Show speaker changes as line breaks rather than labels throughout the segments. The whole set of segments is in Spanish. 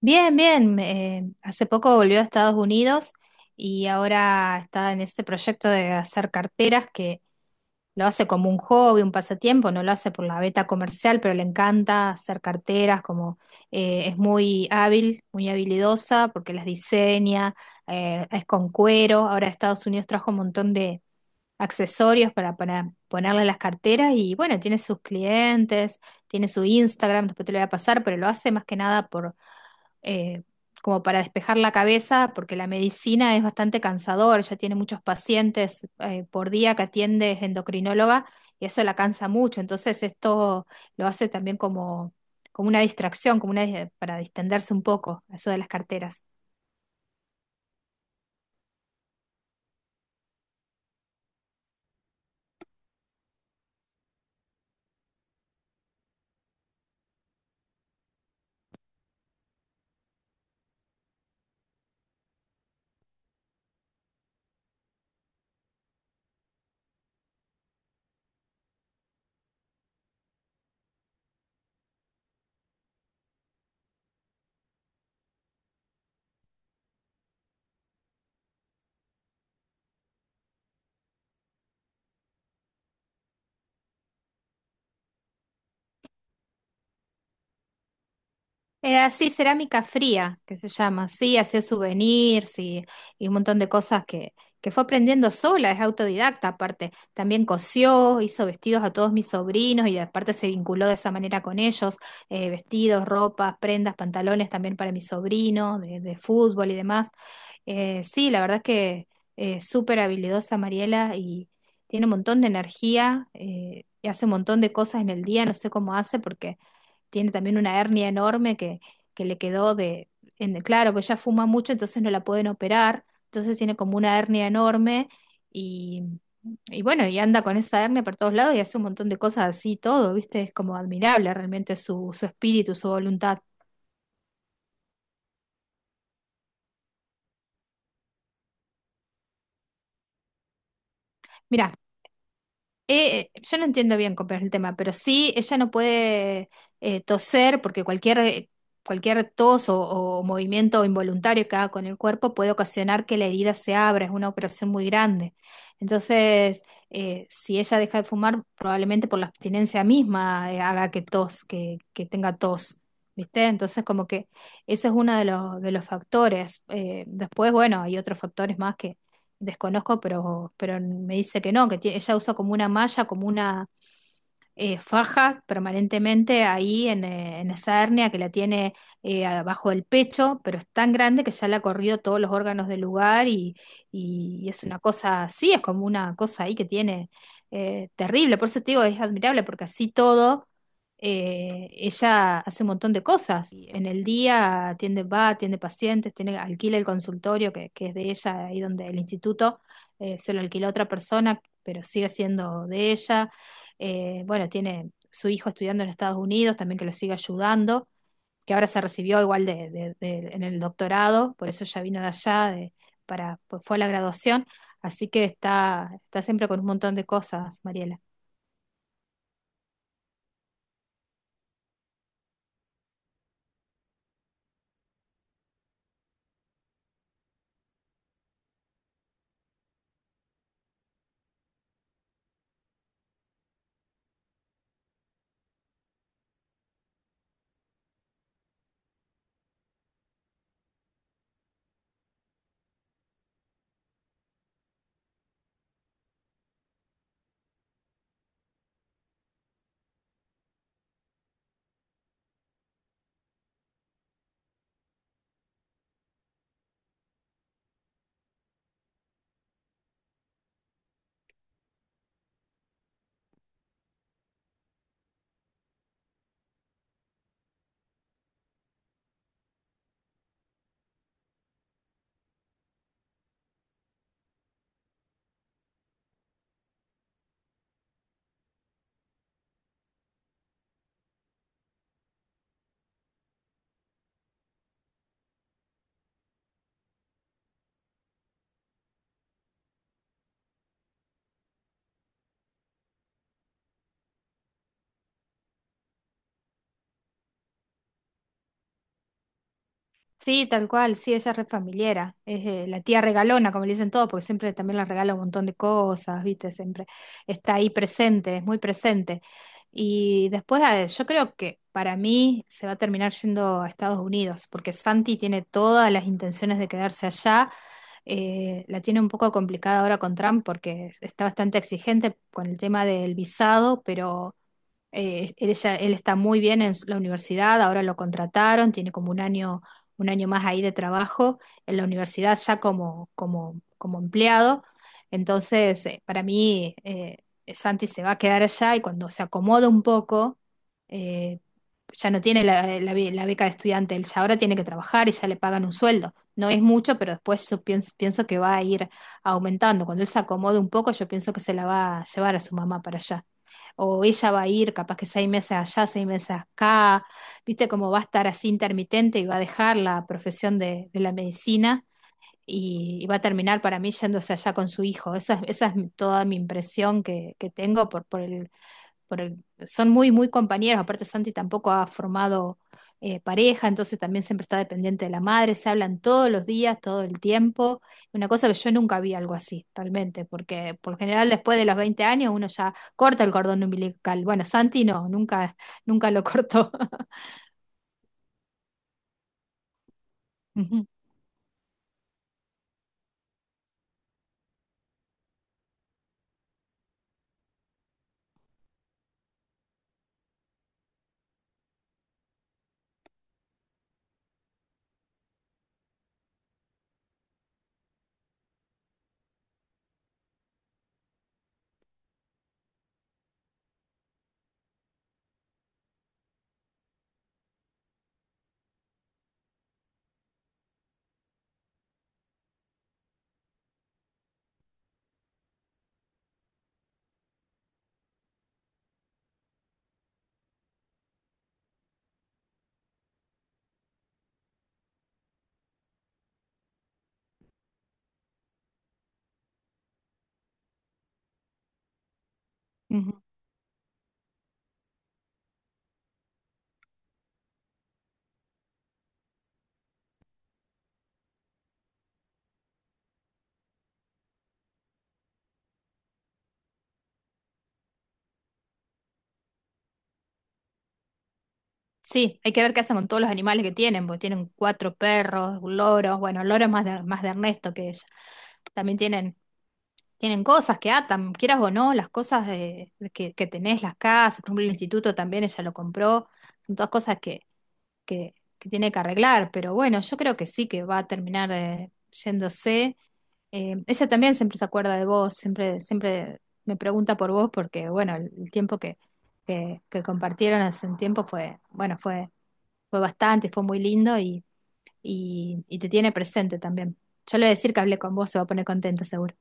Bien, bien. Hace poco volvió a Estados Unidos y ahora está en este proyecto de hacer carteras que lo hace como un hobby, un pasatiempo. No lo hace por la beta comercial, pero le encanta hacer carteras. Como Es muy hábil, muy habilidosa, porque las diseña, es con cuero. Ahora Estados Unidos trajo un montón de accesorios para ponerle a las carteras y bueno, tiene sus clientes, tiene su Instagram, después te lo voy a pasar, pero lo hace más que nada por eh, como para despejar la cabeza, porque la medicina es bastante cansador. Ya tiene muchos pacientes por día que atiende, es endocrinóloga y eso la cansa mucho. Entonces esto lo hace también como una distracción, para distenderse un poco, eso de las carteras. Era así, cerámica fría, que se llama. Sí, hacía souvenirs y un montón de cosas que fue aprendiendo sola, es autodidacta aparte. También cosió, hizo vestidos a todos mis sobrinos y aparte se vinculó de esa manera con ellos. Vestidos, ropas, prendas, pantalones también para mis sobrinos, de fútbol y demás. Sí, la verdad es que súper habilidosa Mariela y tiene un montón de energía, y hace un montón de cosas en el día. No sé cómo hace, porque tiene también una hernia enorme que le quedó de, en- Claro, pues ella fuma mucho, entonces no la pueden operar, entonces tiene como una hernia enorme y, y bueno, y anda con esa hernia por todos lados y hace un montón de cosas así, todo, ¿viste? Es como admirable realmente su, su espíritu, su voluntad. Mira, yo no entiendo bien cómo es el tema, pero sí, ella no puede toser, porque cualquier o movimiento involuntario que haga con el cuerpo puede ocasionar que la herida se abra. Es una operación muy grande. Entonces, si ella deja de fumar, probablemente por la abstinencia misma, haga que tenga tos, ¿viste? Entonces, como que ese es uno de de los factores. Después, bueno, hay otros factores más, desconozco, pero me dice que no, Ella usa como una malla, como una faja permanentemente ahí en esa hernia, que la tiene abajo del pecho, pero es tan grande que ya le ha corrido todos los órganos del lugar y es una cosa así. Es como una cosa ahí que tiene terrible. Por eso te digo, es admirable, porque así todo, ella hace un montón de cosas. Y en el día atiende, va, atiende pacientes, tiene, alquila el consultorio que es de ella, ahí donde el instituto. Se lo alquila a otra persona, pero sigue siendo de ella. Bueno, tiene su hijo estudiando en Estados Unidos también, que lo sigue ayudando, que ahora se recibió igual en el doctorado, por eso ya vino de pues fue a la graduación. Así que está, está siempre con un montón de cosas, Mariela. Sí, tal cual, sí, ella es re familiera, es, la tía regalona, como le dicen todos, porque siempre también la regala un montón de cosas, ¿viste? Siempre está ahí presente, es muy presente. Y después, yo creo que para mí se va a terminar yendo a Estados Unidos, porque Santi tiene todas las intenciones de quedarse allá. La tiene un poco complicada ahora con Trump, porque está bastante exigente con el tema del visado, pero... Él está muy bien en la universidad, ahora lo contrataron, tiene como un año más ahí de trabajo en la universidad ya como empleado. Entonces, Santi se va a quedar allá. Y cuando se acomoda un poco, eh, ya no tiene la beca de estudiante. Él ya ahora tiene que trabajar y ya le pagan un sueldo. No es mucho, pero después yo pienso, pienso que va a ir aumentando. Cuando él se acomode un poco, yo pienso que se la va a llevar a su mamá para allá, o ella va a ir, capaz que 6 meses allá, 6 meses acá, viste cómo va a estar, así intermitente, y va a dejar la profesión de la medicina y va a terminar, para mí, yéndose allá con su hijo. Esa es toda mi impresión que tengo son muy, muy compañeros. Aparte, Santi tampoco ha formado pareja, entonces también siempre está dependiente de la madre. Se hablan todos los días, todo el tiempo. Una cosa que yo nunca vi algo así, realmente, porque por lo general después de los 20 años uno ya corta el cordón umbilical. Bueno, Santi no, nunca lo cortó. Ujú, ujú. Sí, hay que ver qué hacen con todos los animales que tienen, porque tienen cuatro perros, loros. Bueno, el loro es más más de Ernesto que ella. También tienen Tienen cosas que atan, quieras o no, las cosas que tenés, las casas. Por ejemplo, el instituto también ella lo compró, son todas cosas que tiene que arreglar. Pero bueno, yo creo que sí, que va a terminar, yéndose. Ella también siempre se acuerda de vos, siempre, siempre me pregunta por vos, porque bueno, el tiempo que compartieron hace un tiempo fue, fue bastante, fue muy lindo y te tiene presente también. Yo le voy a decir que hablé con vos, se va a poner contenta seguro.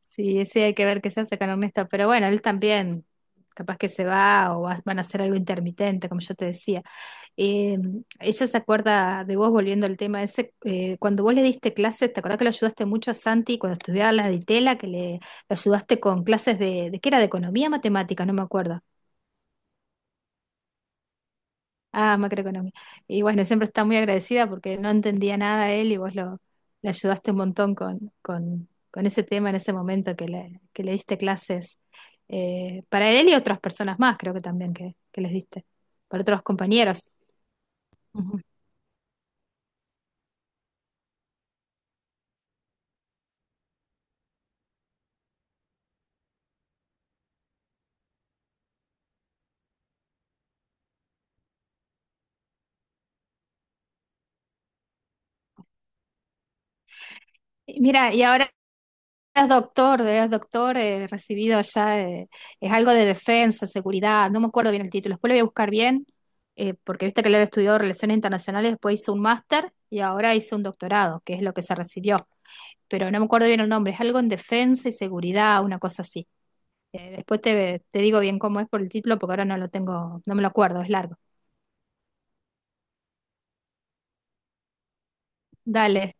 Sí, sí, hay que ver qué se hace con Ernesto, pero bueno, él también, capaz que se va van a hacer algo intermitente, como yo te decía. Eh, ella se acuerda de vos, volviendo al tema ese, cuando vos le diste clases. ¿Te acordás que lo ayudaste mucho a Santi cuando estudiaba la de Ditela, lo ayudaste con clases ¿qué era? De economía, matemática, no me acuerdo. Ah, macroeconomía. Y bueno, siempre está muy agradecida, porque no entendía nada él y le ayudaste un montón con ese tema en ese momento que que le diste clases, para él y otras personas más, creo que también que les diste, para otros compañeros. Ujú. Y mira, y ahora eres doctor, recibido ya. Eh, es algo de defensa, seguridad, no me acuerdo bien el título, después lo voy a buscar bien. Eh, porque viste que él estudió Relaciones Internacionales, después hizo un máster y ahora hizo un doctorado, que es lo que se recibió, pero no me acuerdo bien el nombre, es algo en defensa y seguridad, una cosa así. Después te digo bien cómo es por el título, porque ahora no lo tengo, no me lo acuerdo, es largo. Dale,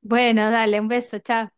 bueno, dale, un beso, chao.